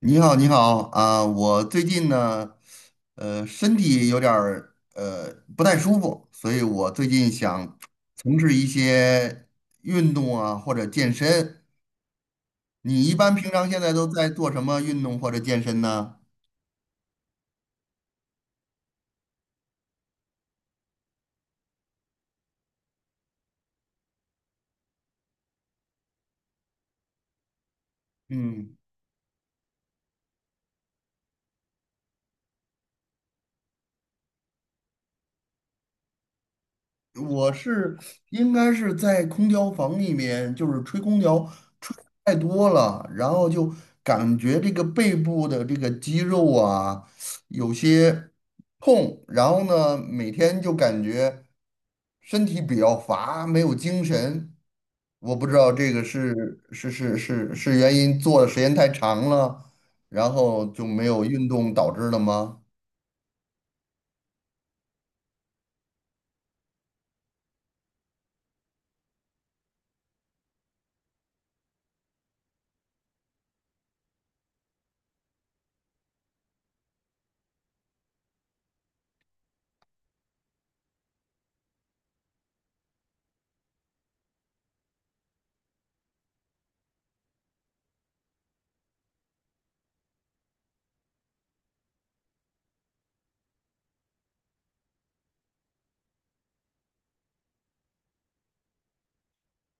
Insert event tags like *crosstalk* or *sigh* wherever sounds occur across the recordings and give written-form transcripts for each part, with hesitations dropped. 你好，你好啊！我最近呢，身体有点儿不太舒服，所以我最近想从事一些运动啊，或者健身。你一般平常现在都在做什么运动或者健身呢？嗯。我是应该是在空调房里面，就是吹空调吹得太多了，然后就感觉这个背部的这个肌肉啊有些痛，然后呢每天就感觉身体比较乏，没有精神。我不知道这个是原因做的时间太长了，然后就没有运动导致的吗？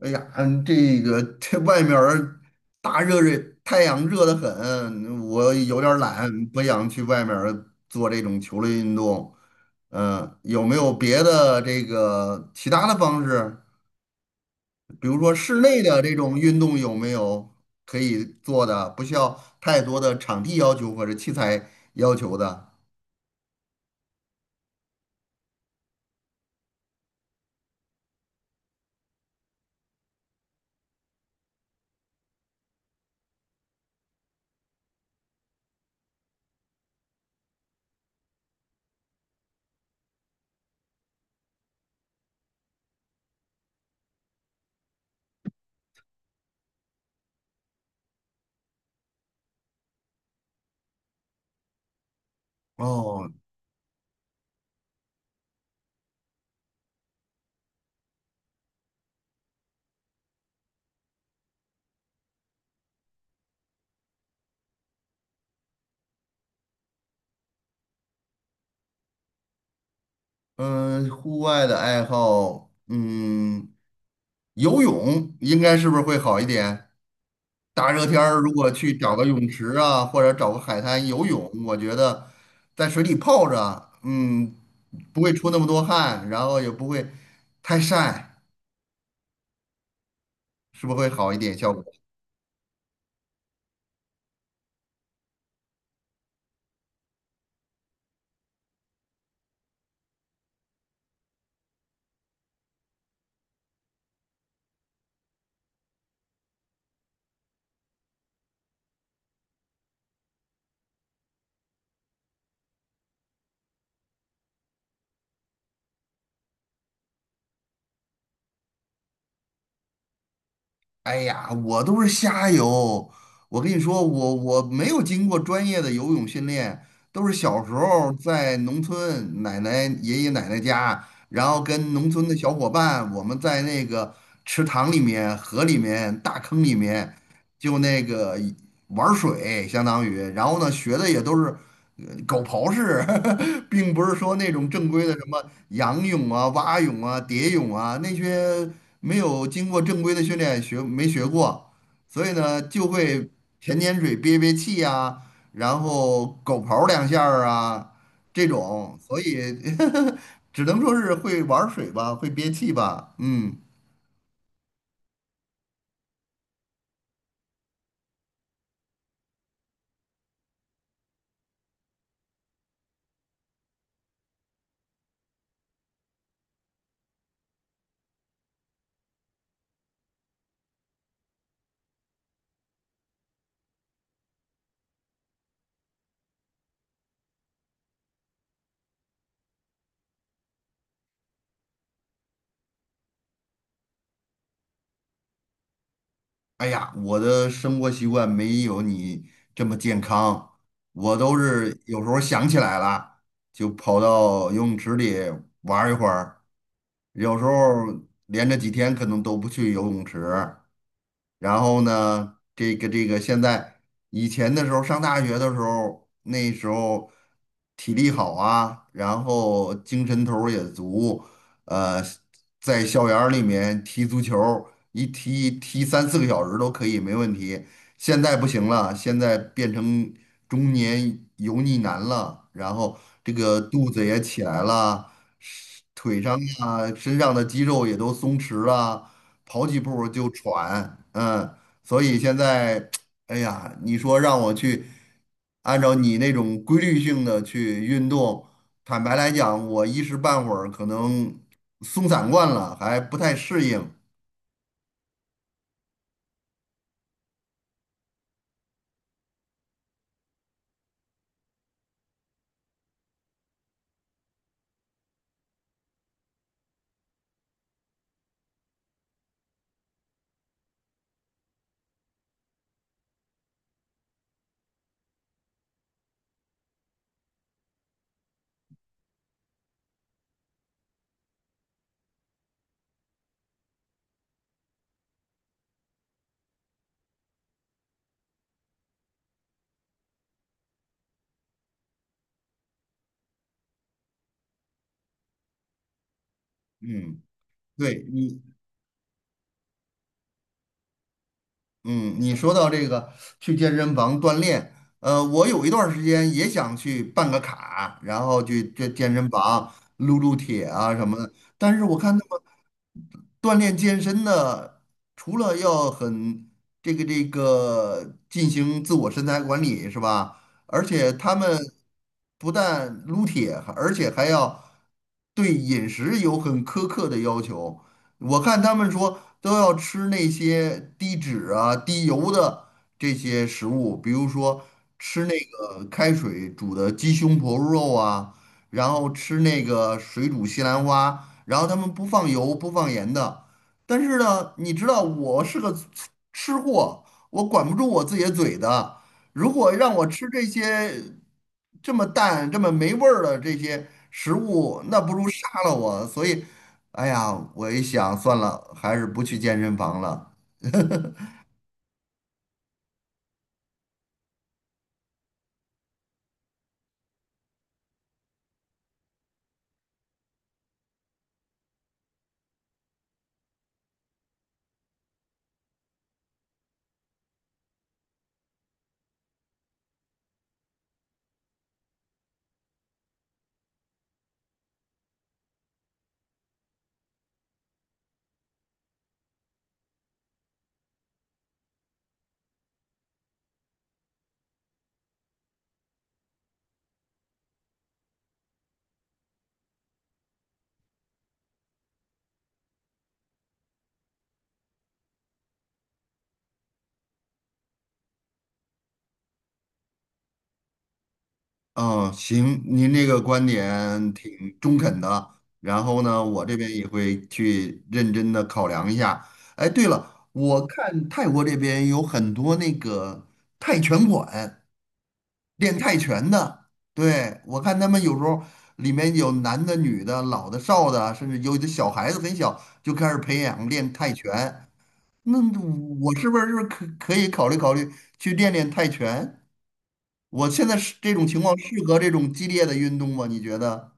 哎呀，嗯，这个这外面儿大热热，太阳热得很，我有点儿懒，不想去外面儿做这种球类运动。嗯、有没有别的这个其他的方式？比如说室内的这种运动有没有可以做的，不需要太多的场地要求或者器材要求的？哦，嗯，户外的爱好，嗯，游泳应该是不是会好一点？大热天儿如果去找个泳池啊，或者找个海滩游泳，我觉得在水里泡着，嗯，不会出那么多汗，然后也不会太晒，是不是会好一点效果？哎呀，我都是瞎游。我跟你说，我没有经过专业的游泳训练，都是小时候在农村奶奶、爷爷奶奶家，然后跟农村的小伙伴，我们在那个池塘里面、河里面、大坑里面，就那个玩水，相当于。然后呢，学的也都是狗刨式，*laughs* 并不是说那种正规的什么仰泳啊、蛙泳啊、蝶泳啊那些。没有经过正规的训练学没学过，所以呢就会舔舔嘴、憋憋气呀、然后狗刨两下儿啊这种，所以 *laughs* 只能说是会玩儿水吧，会憋气吧。嗯，哎呀，我的生活习惯没有你这么健康，我都是有时候想起来了就跑到游泳池里玩儿一会儿，有时候连着几天可能都不去游泳池。然后呢，现在以前的时候上大学的时候，那时候体力好啊，然后精神头儿也足，呃，在校园儿里面踢足球儿一踢踢三四个小时都可以，没问题。现在不行了，现在变成中年油腻男了，然后这个肚子也起来了，是腿上啊、身上的肌肉也都松弛了。跑几步就喘，嗯，所以现在，哎呀，你说让我去按照你那种规律性的去运动，坦白来讲，我一时半会儿可能松散惯了，还不太适应。嗯，对你，嗯，你说到这个去健身房锻炼，我有一段儿时间也想去办个卡，然后去这健身房撸撸铁啊什么的，但是我看。他们。锻炼健身的，除了要很这个进行自我身材管理是吧？而且他们不但撸铁，而且还要对饮食有很苛刻的要求。我看他们说都要吃那些低脂啊、低油的这些食物，比如说吃那个开水煮的鸡胸脯肉啊，然后吃那个水煮西兰花。然后他们不放油不放盐的。但是呢，你知道我是个吃货，我管不住我自己的嘴的。如果让我吃这些这么淡、这么没味儿的这些食物，那不如杀了我。所以，哎呀，我一想，算了，还是不去健身房了。嗯，行，您这个观点挺中肯的，然后呢，我这边也会去认真的考量一下。哎，对了，我看泰国这边有很多那个泰拳馆练泰拳的，对，我看他们有时候里面有男的、女的、老的、少的，甚至有的小孩子很小就开始培养练泰拳。那我是不是可以考虑考虑去练练泰拳？我现在是这种情况适合这种激烈的运动吗？你觉得？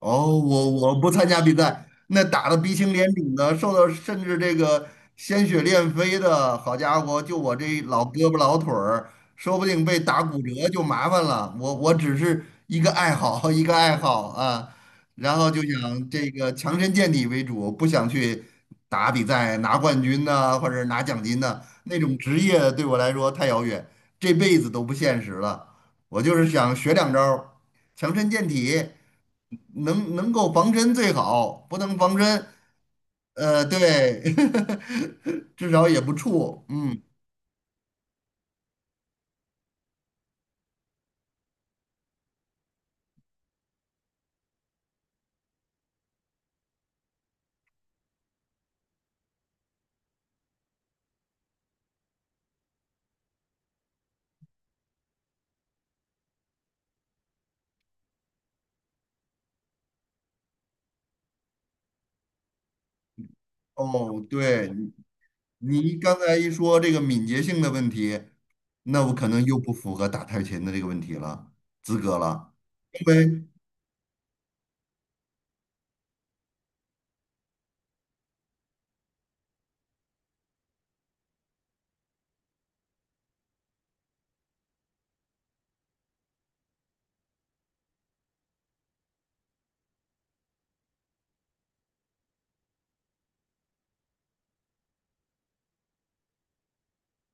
哦，我不参加比赛，那打的鼻青脸肿的，受到甚至这个鲜血练飞的，好家伙，就我这老胳膊老腿儿，说不定被打骨折就麻烦了。我只是一个爱好，*laughs* 一个爱好啊，然后就想这个强身健体为主，不想去打比赛拿冠军呐、或者拿奖金呐、那种职业对我来说太遥远，这辈子都不现实了。我就是想学两招儿强身健体。能够防身最好，不能防身，对，*laughs* 至少也不怵。嗯，哦，对，你刚才一说这个敏捷性的问题，那我可能又不符合打太极拳的这个问题了，资格了，因为。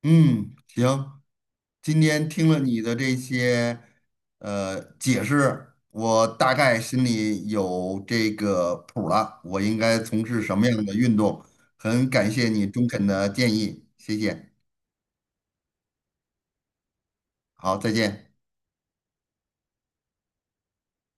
嗯，行，今天听了你的这些解释，我大概心里有这个谱了，我应该从事什么样的运动。很感谢你中肯的建议，谢谢。好，再见。